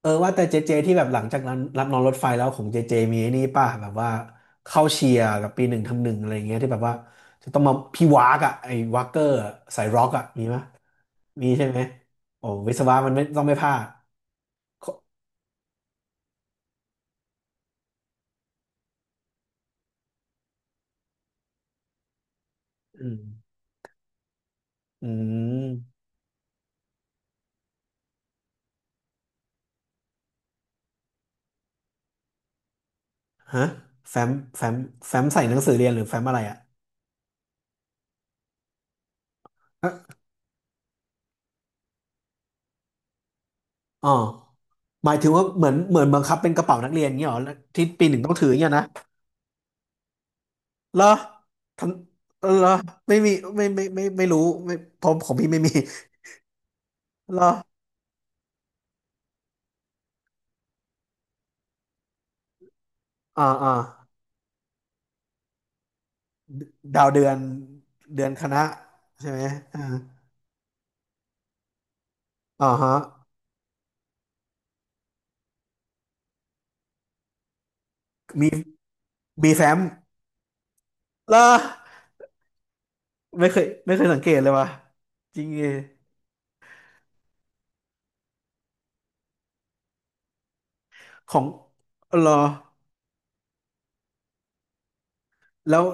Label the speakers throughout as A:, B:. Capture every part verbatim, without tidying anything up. A: เออว่าแต่เจเจที่แบบหลังจากนั้นรับนอนรถไฟแล้วของเจเจมีไอ้นี่ป่ะแบบว่าเข้าเชียร์กับปีหนึ่งทำหนึ่งอะไรอย่างเงี้ยที่แบบว่าจะต้องมาพี่วากอะไอ้วากเกอร์อะสายร็อกอะมีไหมยมีใช่ไหมโอ้วิศวะมันไม่ต้องไม่พลาดขออืมอืมฮะแฟ้มแฟ้มแฟ้มใส่หนังสือเรียนหรือแฟ้มอะไรอะฮะอ๋อหมายถึงว่าเหมือนเหมือนบังคับเป็นกระเป๋านักเรียนอย่างเงี้ยเหรอที่ปีหนึ่งต้องถืออย่างเงี้ยนะ เหรอทันเหรอไม่มีไม่ไม่ไม่ไม่รู้ไม่ผมของพี่ไม่มีเหรออ่าอ่าดาวเดือน เดือนคณะใช่ไหมอ่าอ่าฮะมีมีแฟ้มเหรอไม่เคยไม่เคยสังเกตเลยว่ะจริงเอของเหรอแล้ว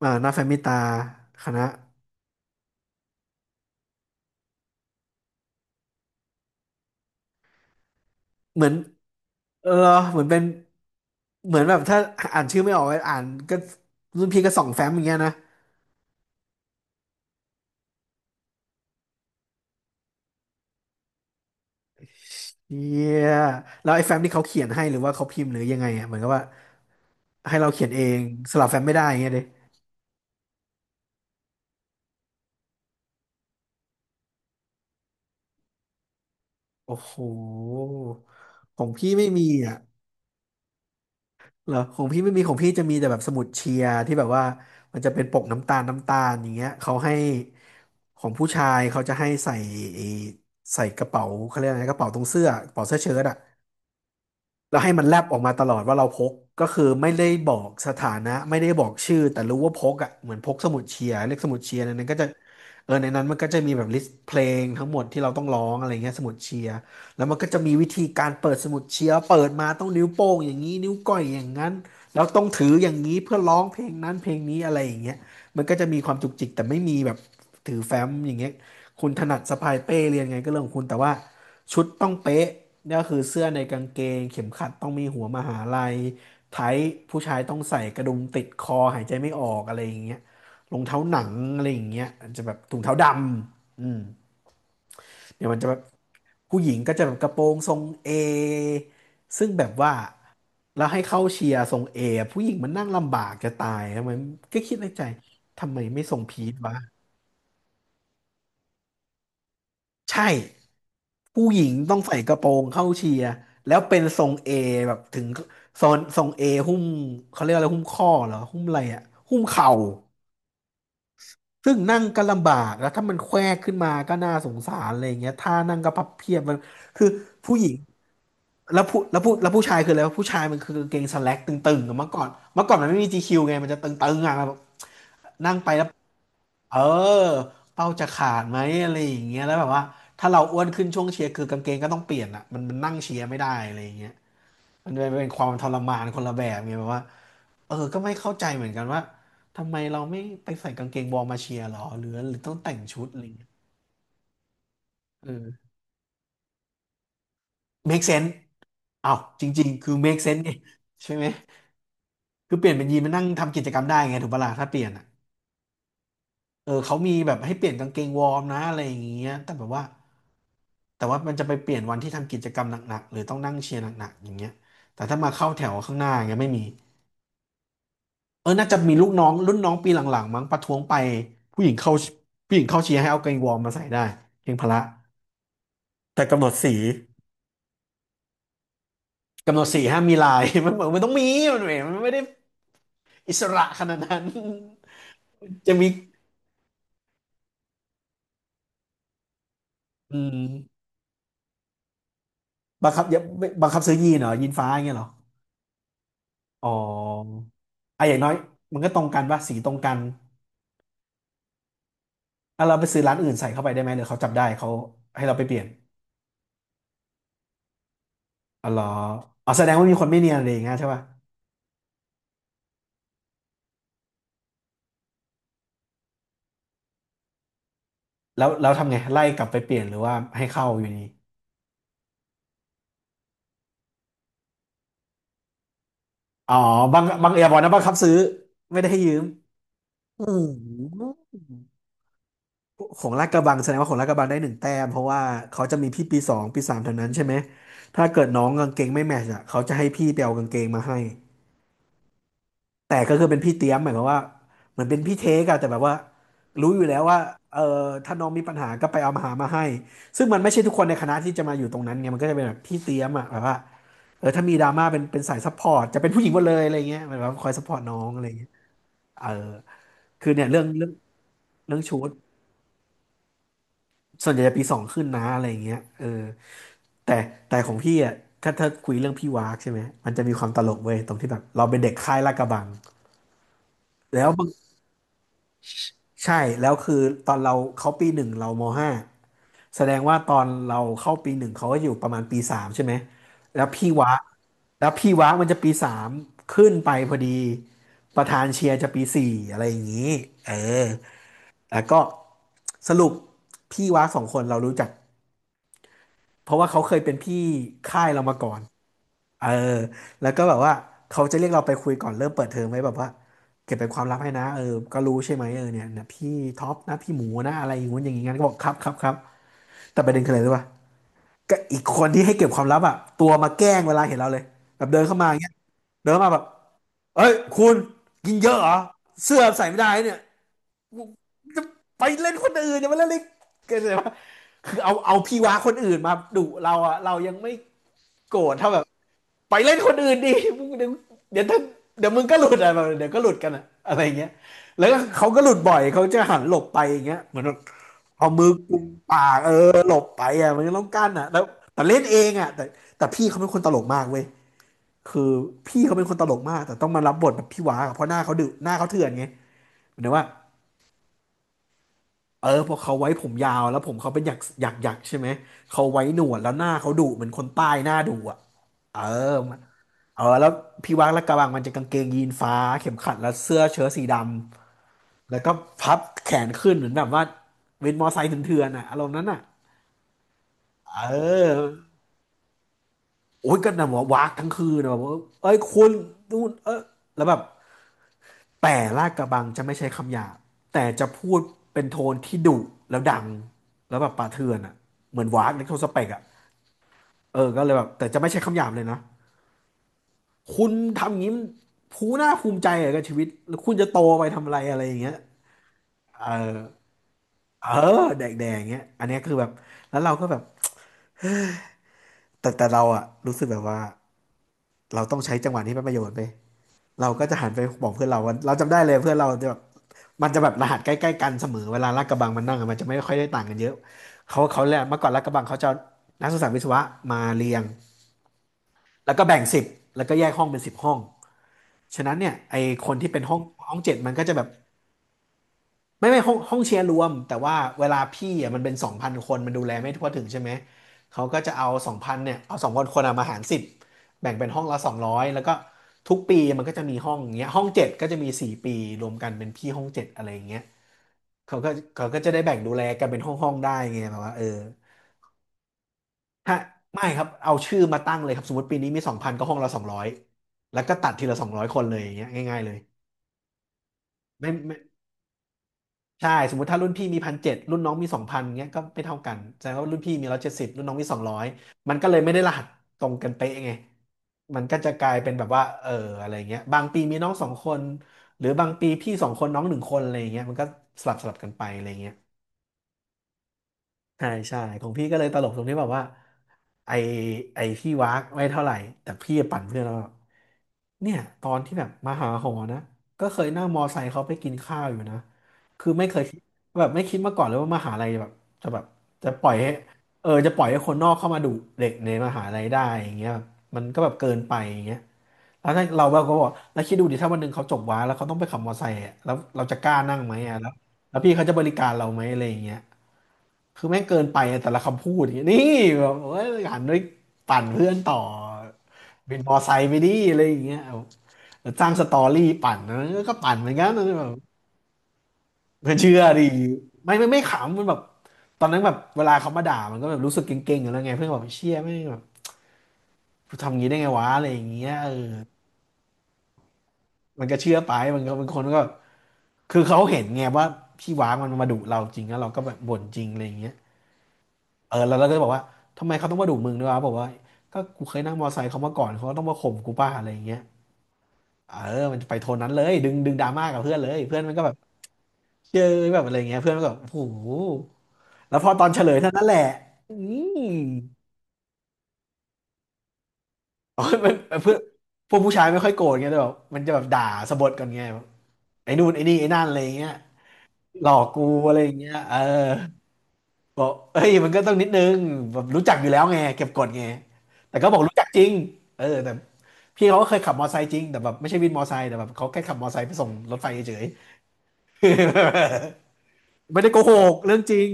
A: อ่าหน้าแฟ้มมีตาคณะ เหมือนเหรอเหมือนเป็นเหมือนแบบถ้าอ่านชื่อไม่ออกอ่านก็ รุ่นพี่ก็ส่องแฟ้มอย่างเงี้ยนะ เฮียแล้วไอ้แฟ้มที่เขาเขียนให้หรือว่าเขาพิมพ์หรือยังไงอ่ะเหมือนกับว่าให้เราเขียนเองสลับแฟ้มไม่ได้อย่างเงี้ยเด้โอ้โหของพี่ไม่มีอ่ะเหรอของพี่ไม่มีของพี่จะมีแต่แบบสมุดเชียร์ที่แบบว่ามันจะเป็นปกน้ำตาลน้ำตาลอย่างเงี้ยเขาให้ของผู้ชายเขาจะให้ใส่ไอ้ใส่กระเป๋าเขาเรียกอะไรกระเป๋าตรงเสื้อกระเป๋าเสื้อเชิ้ตอ่ะ แล้วให้มันแลบออกมาตลอดว่าเราพกก็คือไม่ได้บอกสถานะไม่ได้บอกชื่อแต่รู้ว่าพกอ่ะเหมือนพกสมุดเชียร์เลขสมุดเชียร์ในนั้นก็จะเออในนั้นมันก็จะมีแบบลิสต์เพลงทั้งหมดที่เราต้องร้องอะไรเงี้ยสมุดเชียร์แล้วมันก็จะมีวิธีการเปิดสมุดเชียร์เปิดมาต้องนิ้วโป้งอย่างนี้นิ้วก้อยอย่างนั้นแล้วต้องถืออย่างนี้เพื่อร้องเพลงนั้นเพลงนี้อะไรอย่างเงี้ยมันก็จะมีความจุกจิกแต่ไม่มีแบบถือแฟ้มอย่างเงี้ยคุณถนัดสะพายเป้เรียนไงก็เรื่องของคุณแต่ว่า ชุดต้องเป๊ะเนี่ยก็คือเสื้อในกางเกงเข็มขัดต้องมีหัวมหาลัยไทท์ผู้ชายต้องใส่กระดุมติดคอหายใจไม่ออกอะไรอย่างเงี้ยรองเท้าหนังอะไรอย่างเงี้ยอาจจะแบบถุงเท้าดำอืมเดี๋ยวมันจะแบบผู้หญิงก็จะแบบกระโปรงทรงเอซึ่งแบบว่าแล้วให้เข้าเชียร์ทรงเอผู้หญิงมันนั่งลำบากจะตายทำไมก็คิดในใจทำไมไม่ทรงพีทวะ ใช่ผู้หญิงต้องใส่กระโปรงเข้าเชียร์แล้วเป็นทรงเอแบบถึงโซนทรงเอหุ้มเขาเรียกอะไรหุ้มข้อเหรอหุ้มอะไรอ่ะหุ้มเข่าซึ่งนั่งก็ลำบากแล้วถ้ามันแควกขึ้นมาก็น่าสงสารอะไรอย่างเงี้ยท่านั่งก็พับเพียบมันคือผู้หญิงแล้วผู้แล้วผู้แล้วผู้ชายคืออะไรวะผู้ชายมันคือกางเกงสแล็กตึงๆอะเมื่อก่อนเมื่อก่อนมันไม่มี จี คิว ไงมันจะตึงๆอ่ะแบบนั่งไปแล้ว เออเป้าจะขาดไหมอะไรอย่างเงี้ยแล้วแบบว่าถ้าเราอ้วนขึ้นช่วงเชียร์คือกางเกงก็ต้องเปลี่ยนอ่ะมันมันนั่งเชียร์ไม่ได้อะไรอย่างเงี้ยมันเป็นเป็นความทรมานคนละแบบไงแบบว่าเออก็ไม่เข้าใจเหมือนกันว่าทำไมเราไม่ไปใส่กางเกงวอร์มมาเชียร์หรอหรือหรือต้องแต่งชุดอะไรอย่างเงี้ยเออ make sense อ้าวจริงๆคือ make sense ไงใช่ไหมคือเปลี่ยนเป็นยีนมานั่งทำกิจกรรมได้ไงถูกปะล่ะถ้าเปลี่ยนอะ เออเขามีแบบให้เปลี่ยนกางเกงวอร์มนะอะไรอย่างเงี้ยแต่แบบว่าแต่ว่ามันจะไปเปลี่ยนวันที่ทำกิจกรรมหนักๆหรือต้องนั่งเชียร์หนักๆอย่างเงี้ยแต่ถ้ามาเข้าแถวข้างหน้าอย่างเงี้ยไม่มีเออน่าจะมีลูกน้องรุ่นน้องปีหลังๆมั้งประท้วงไปผู้หญิงเข้าผู้หญิงเข้าเชียร์ให้เอากางเกงวอร์มมาใส่ได้เพียงพละแต่กำหนดสีกำหนดสีห้ามมีลาย มันบอกมันต้องมีมันไม่มันไม่ได้อิสระขนาดนั้น จะมีอืมบังคับอย่าบังคับซื้อยีนเหรอยีนฟ้าอย่างเงี้ยเหรอ อ๋ออ่ะอย่างน้อยมันก็ตรงกันป่ะสีตรงกันอ่ะเราไปซื้อร้านอื่นใส่เข้าไปได้ไหมหรือเขาจับได้เขาให้เราไปเปลี่ยนอ๋อเหรออ๋อแสดงว่ามีคนไม่เนียนอะไรอย่างเงี้ยใช่ป่ะแล้วแล้วทำไง ไล่กลับไปเปลี่ยนหรือว่าให้เข้าอยู่ดีอ๋อบังบังเอียบอกนะบังคับซื้อไม่ได้ให้ยืมอืมของลาดกระบังแสดงว่าของลาดกระบังได้หนึ่งแต้มเพราะว่าเขาจะมีพี่ปีสองปีสามเท่านั้นใช่ไหมถ้าเกิดน้องกางเกงไม่แมทช์อ่ะเขาจะให้พี่ไปเอากางเกงมาให้ แต่ก็คือเป็นพี่เตี้ยมหมายความว่าเหมือนเป็นพี่เทกอะแต่แบบว่ารู้อยู่แล้วว่าเออถ้าน้องมีปัญหาก็ไปเอามาหามาให้ซึ่งมันไม่ใช่ทุกคนในคณะที่จะมาอยู่ตรงนั้นไงมันก็จะเป็นแบบพี่เตี้ยมอะแบบว่าเออถ้ามีดราม่าเป็นเป็นสายซัพพอร์ตจะเป็นผู้หญิงหมดเลยอะไรเงี้ยเหมือนแบบคอยซัพพอร์ตน้องอะไรเงี้ยเออคือเนี่ยเรื่องเรื่องเรื่องชุดส่วนใหญ่จะปีสองขึ้นนะอะไรเงี้ยเออแต่แต่ของพี่อะถ้าถ้าคุยเรื่องพี่วากใช่ไหมมันจะมีความตลกเว้ยตรงที่แบบเราเป็นเด็กค่ายลาดกระบังแล้ว ใช่แล้วคือตอนเราเขาปีหนึ่งเรามห้าแสดงว่าตอนเราเข้าปีหนึ่งเขาก็อยู่ประมาณปีสามใช่ไหมแล้วพี่วะแล้วพี่วะมันจะปีสามขึ้นไปพอดีประธานเชียร์จะปีสี่อะไรอย่างนี้เออแล้วก็สรุปพี่วะสองคนเรารู้จักเพราะว่าเขาเคยเป็นพี่ค่ายเรามาก่อน เออแล้วก็แบบว่าเขาจะเรียกเราไปคุยก่อนเริ่มเปิดเทอมไว้แบบว่าเก็บเป็นความลับให้นะเออก็รู้ใช่ไหมเออเนี่ยเนี่ยพี่ท็อปนะพี่หมูนะอะไรอย่างงู้นอย่างงี้งั้นก็บอกครับครับครับแต่ประเด็นคืออะไรรู้ป่ะก็อีกคนที่ให้เก็บความลับอ่ะตัวมาแกล้งเวลาเห็นเราเลยแบบเดินเข้ามาอย่างเงี้ยเดินเข้ามาแบบเอ้ยคุณกินเยอะเหรอเสื้อใส่ไม่ได้เนี่ยกูจะไปเล่นคนอื่นเนี่ยมาเล่นเล่นเกิดอะไรวะคือเอาเอาพี่ว้าคนอื่นมาดุเราอ่ะเรายังไม่โกรธเท่าแบบ ไปเล่นคนอื่นดิ มึงเดี๋ยวเดี๋ยวถ้าเดี๋ยวมึงก็หลุดอะไรแบบเดี๋ยวก็หลุดกันอะอะไรเงี้ยแล้วก็เขาก็หลุดบ่อยเขาจะหันหลบไปอย่างเงี้ยเหมือนแบบเอามือกุมปากเออหลบไปอะมันก็ต้องกั้นอะแล้วแต่เล่นเองอะแต่แต่พี่เขาเป็นคนตลกมากเว้ยคือพี่เขาเป็นคนตลกมากแต่ต้องมารับบทแบบพี่ว้าอะเพราะหน้าเขาดุหน้าเขาเถื่อนไงเหมือนว่า เออพอเขาไว้ผมยาวแล้วผมเขาเป็นหยักหยักหยักใช่ไหมเขาไว้หนวดแล้วหน้าเขาดุเหมือนคนใต้หน้าดุอ่ะเออมันเออแล้วพี่วักและกระบังมันจะกางเกงยีนฟ้าเข็มขัดและเสื้อเชิ้ตสีดำแล้วก็พับแขนขึ้นเหมือนแบบว่าเวนมอไซค์เถื่อนๆอ่ะอารมณ์นั้นอ่ะเออโอ้ยก็นะว่าวากทั้งคืนนะแบบว่าเอ้ยคุณนู่นเออแล้วแบบ แต่ลาดกระบังจะไม่ใช้คำหยาบแต่จะพูดเป็นโทนที่ดุแล้วดังแล้วแบบป่าเถื่อนอ่ะเหมือนวากใลโทสเปกอ่ะเออก็เลยแบบแต่จะไม่ใช้คำหยาบเลยนะคุณทำอย่างนี้ผู้ภูน่าภูมิใจเหรอกับชีวิตแล้วคุณจะโตไปทำอะไรอะไรอย่างเงี้ยเออเออแดกๆอย่างเงี้ยอันเนี้ยคือแบบแล้วเราก็แบบแต่แต่เราอ่ะรู้สึกแบบว่าเราต้องใช้จังหวะนี้เป็นประโยชน์ไป เราก็จะหันไปบอกเพื่อนเราว่าเราจำได้เลยเพื่อนเราจะแบบมันจะแบบรหัสใกล้ๆกันเสมอเวลาลาดกระบังมันนั่งอะมันจะไม่ค่อยได้ต่างกันเยอะเขาเขาแหละเมื่อก่อนลาดกระบังเขาจะเอานักศึกษาวิศวะมาเรียงแล้วก็แบ่งสิบแล้วก็แยกห้องเป็นสิบห้องฉะนั้นเนี่ยไอคนที่เป็นห้องห้องเจ็ดมันก็จะแบบ ไม่ไม่ห้องห้องเชียร์รวมแต่ว่าเวลาพี่อ่ะมันเป็นสองพันคนมันดูแลไม่ทั่วถึงใช่ไหมเขาก็จะเอาสองพันเนี่ยเอาสองพันคนอ่ะมาหารสิบแบ่งเป็นห้องละสองร้อยแล้วก็ทุกปีมันก็จะมีห้องอย่างเงี้ยห้องเจ็ดก็จะมีสี่ปีรวมกันเป็นพี่ห้องเจ็ดอะไรอย่างเงี้ยเขาก็เขาก็จะได้แบ่งดูแลกันเป็นห้องห้องได้ไงแบบว่าเออถ้าไม่ครับเอาชื่อมาตั้งเลยครับสมมติปีนี้มีสองพันก็ห้องละสองร้อยแล้วก็ตัดทีละสองร้อยคนเลยอย่างเงี้ยง่ายๆเลยไม่ไม่ ใช่สมมติถ้ารุ่นพี่มีพันเจ็ดรุ่นน้องมีสองพันเงี้ยก็ไม่เท่ากันแสดงว่ารุ่นพี่มีร้อยเจ็ดสิบรุ่นน้องมีสองร้อยมันก็เลยไม่ได้รหัสตรงกันเป๊ะไงมันก็จะกลายเป็นแบบว่าเอออะไรเงี้ยบางปีมีน้องสองคนหรือบางปีพี่สองคนน้องหนึ่งคนอะไรเงี้ยมันก็สลับสลับกันไปอะไรเงี้ย ใช่ใช่ของพี่ก็เลยตลกตรงที่แบบว่าไอไอพี่วากไม่เท่าไหร่แต่พี่ปั่นเพื่อนแล้วาเนี่ยตอนที่แบบมาหาหอนะก็เคยนั่งมอไซค์เขาไปกินข้าวอยู่นะคือไม่เคยคิดแบบไม่คิดมาก่อนเลยว่ามหาลัยแบบจะแบบจะปล่อยให้เออจะปล่อยให้คนนอกเข้ามาดุเด็กในมหาลัยได้อย่างเงี้ยแบบมันก็แบบเกินไปอย่างเงี้ยแล้วถ้าเราเราก็บอกแล้วคิดดูดิถ้าวันหนึ่งเขาจบวาแล้วเขาต้องไปขับมอไซค์อะแล้วเราจะกล้านั่งไหมอะแล้วแล้วพี่เขาจะบริการเราไหมอะไรอย่างเงี้ย คือแม่งเกินไปอะแต่ละคำพูดอย่างเงี้ยนี่แบบเอ้ยหันไปปั่นเพื่อนต่อเป็นมอไซค์ไปดิอะไรอย่างเงี้ยเอาสร้างสตอรี่ปั่นนะก็ปั่นเหมือนกันนะแบบไม่เชื่อดิไม่ไม่ไม่ขำมันแบบตอนนั้นแบบเวลาเขามาด่ามันก็แบบรู้สึกเก่งๆอยู่แล้วไงเพื่อนก็แบบเชี่ยไม่งแบบทำยงี้ได้ไงวะอะไรอย่างเงี้ยเออมันก็เชื่อไปมันก็บางคนก็คือเขาเห็นไงว่าพี่ว้างมันมาดุเราจริงแล้วเราก็แบบบ่นจริงอะไรอย่างเงี้ย เออแล้วเราก็บอกว่าทำไมเขาต้องมาดุมึงด้วยวะบอกว่าก็กูเคยนั่งมอไซค์เขามาก่อนเขาก็ต้องมาข่มกูป้าอะไรอย่างเงี้ยเออมันจะไปโทนนั้นเลยดึงดึงดราม่ากับเพื่อนเลยเพื่อนมันก็แบบเจอแบบอะไรเงี้ยเพื่อนมันก็แบบโอ้โหแล้วพอตอนเฉลยเท่านั้นแหละอืม เออมันเพื่อนพวกผู้ชายไม่ค่อยโกรธไงแต่แบบมันจะแบบด่าสะบดกันไงแบบไอ้นู่นไอ้นี่ไอ้นั่นอะไรอย่างเงี้ยหลอกกูอะไรอย่างเงี้ยเออ บอกเอ้ยมันก็ต้องนิดนึงแบบรู้จักอยู่แล้วไงเก็บกดไงแต่ก็บอกรู้จักจริงเออแต่พี่เขาก็เคยขับมอไซค์จริงแต่แบบไม่ใช่วินมอไซค์แต่แบบเขาแค่ขับมอไซค์ไปส่งรถไฟเฉยๆ ไม่ได้โกหกเรื่องจริง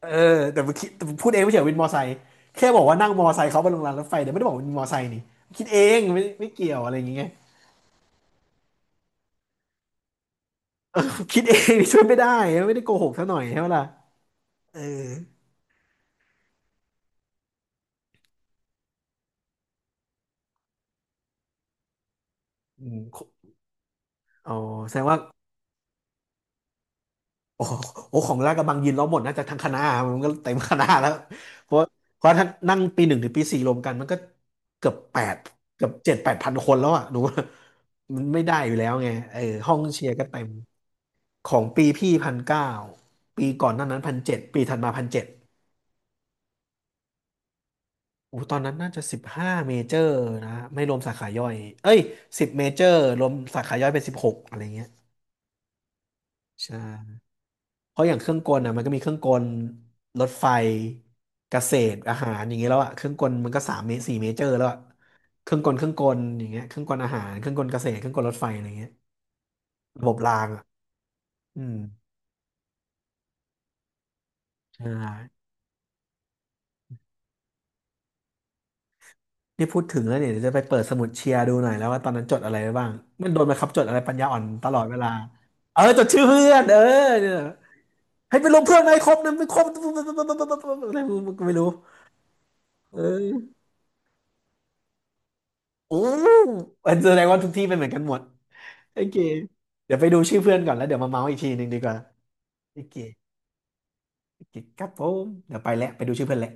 A: เออแต่มันคิดแต่พูดเองไม่เฉยวินมอไซค์แค่บอกว่านั่งมอไซค์เขาไปลงรางรถไฟแต่ไม่ได้บอกว่าวินมอไซค์นี่คิดเองไม่ไม่เกี่ยวอะไรอย่างเงี้ยคิดเอง นี่ช่วยไม่ได้ไม่ได้โกหกซะหน่อยใช่ไหมล่ะเอออืมอ๋อแสดงว่า โอ้โหโอ้ของลาดกระบังยินล้อมหมดน่าจะทั้งคณะมันก็เต็มคณะแล้ว เพราะเพราะถ้านั่งปีหนึ่งถึงปีสี่รวมกันมันก็เกือบแปดเกือบเจ็ดแปดพันคนแล้วอ่ะหนูว่ามันไม่ได้อยู่แล้วไงเออห้องเชียร์ก็เต็มของปีพี่พันเก้าปีก่อนหน้านั้นพันเจ็ดปีถัดมาพันเจ็ดโอ้ตอนนั้นน่าจะสิบห้าเมเจอร์นะไม่รวมสาขาย่อยเอ้ยสิบเมเจอร์รวมสาขาย่อยเป็นสิบหกอะไรเงี้ยใช่ เพราะอย่างเครื่องกลอ่ะมันก็มีเครื่องกลรถไฟเกษตรอาหารอย่างเงี้ยแล้วอ่ะเครื่องกลมันก็สามเมตรสี่เมเจอร์แล้วอ่ะเครื่องกลเครื่องกลอย่างเงี้ยเครื่องกลอาหารเครื่องกลเกษตรเครื่องกลรถไฟอะไรเงี้ยระบบรางอ่ะอืมใช่นี่พูดถึงแล้วเนี่ยเดี๋ยวจะไปเปิดสมุดเชียร์ดูหน่อยแล้วว่าตอนนั้นจดอะไรไว้บ้างมันโดนบังคับจดอะไรปัญญาอ่อนตลอดเวลาเออจดชื่อเพื่อนเออเนี่ยให้ไปลงเพื่อนไหมครบนะไม่ครบอะไรไม่รู้เออโอ้แสดงว่าทุกที่เป็นเหมือนกันหมด โอเค เดี๋ยวไปดูชื่อเพื่อนก่อนแล้วเดี๋ยวมาเมาส์อีกทีหนึ่งดีกว่าโอเคโอเคครับผมเดี๋ยวไปแล้วไปดูชื่อเพื่อนแล้ว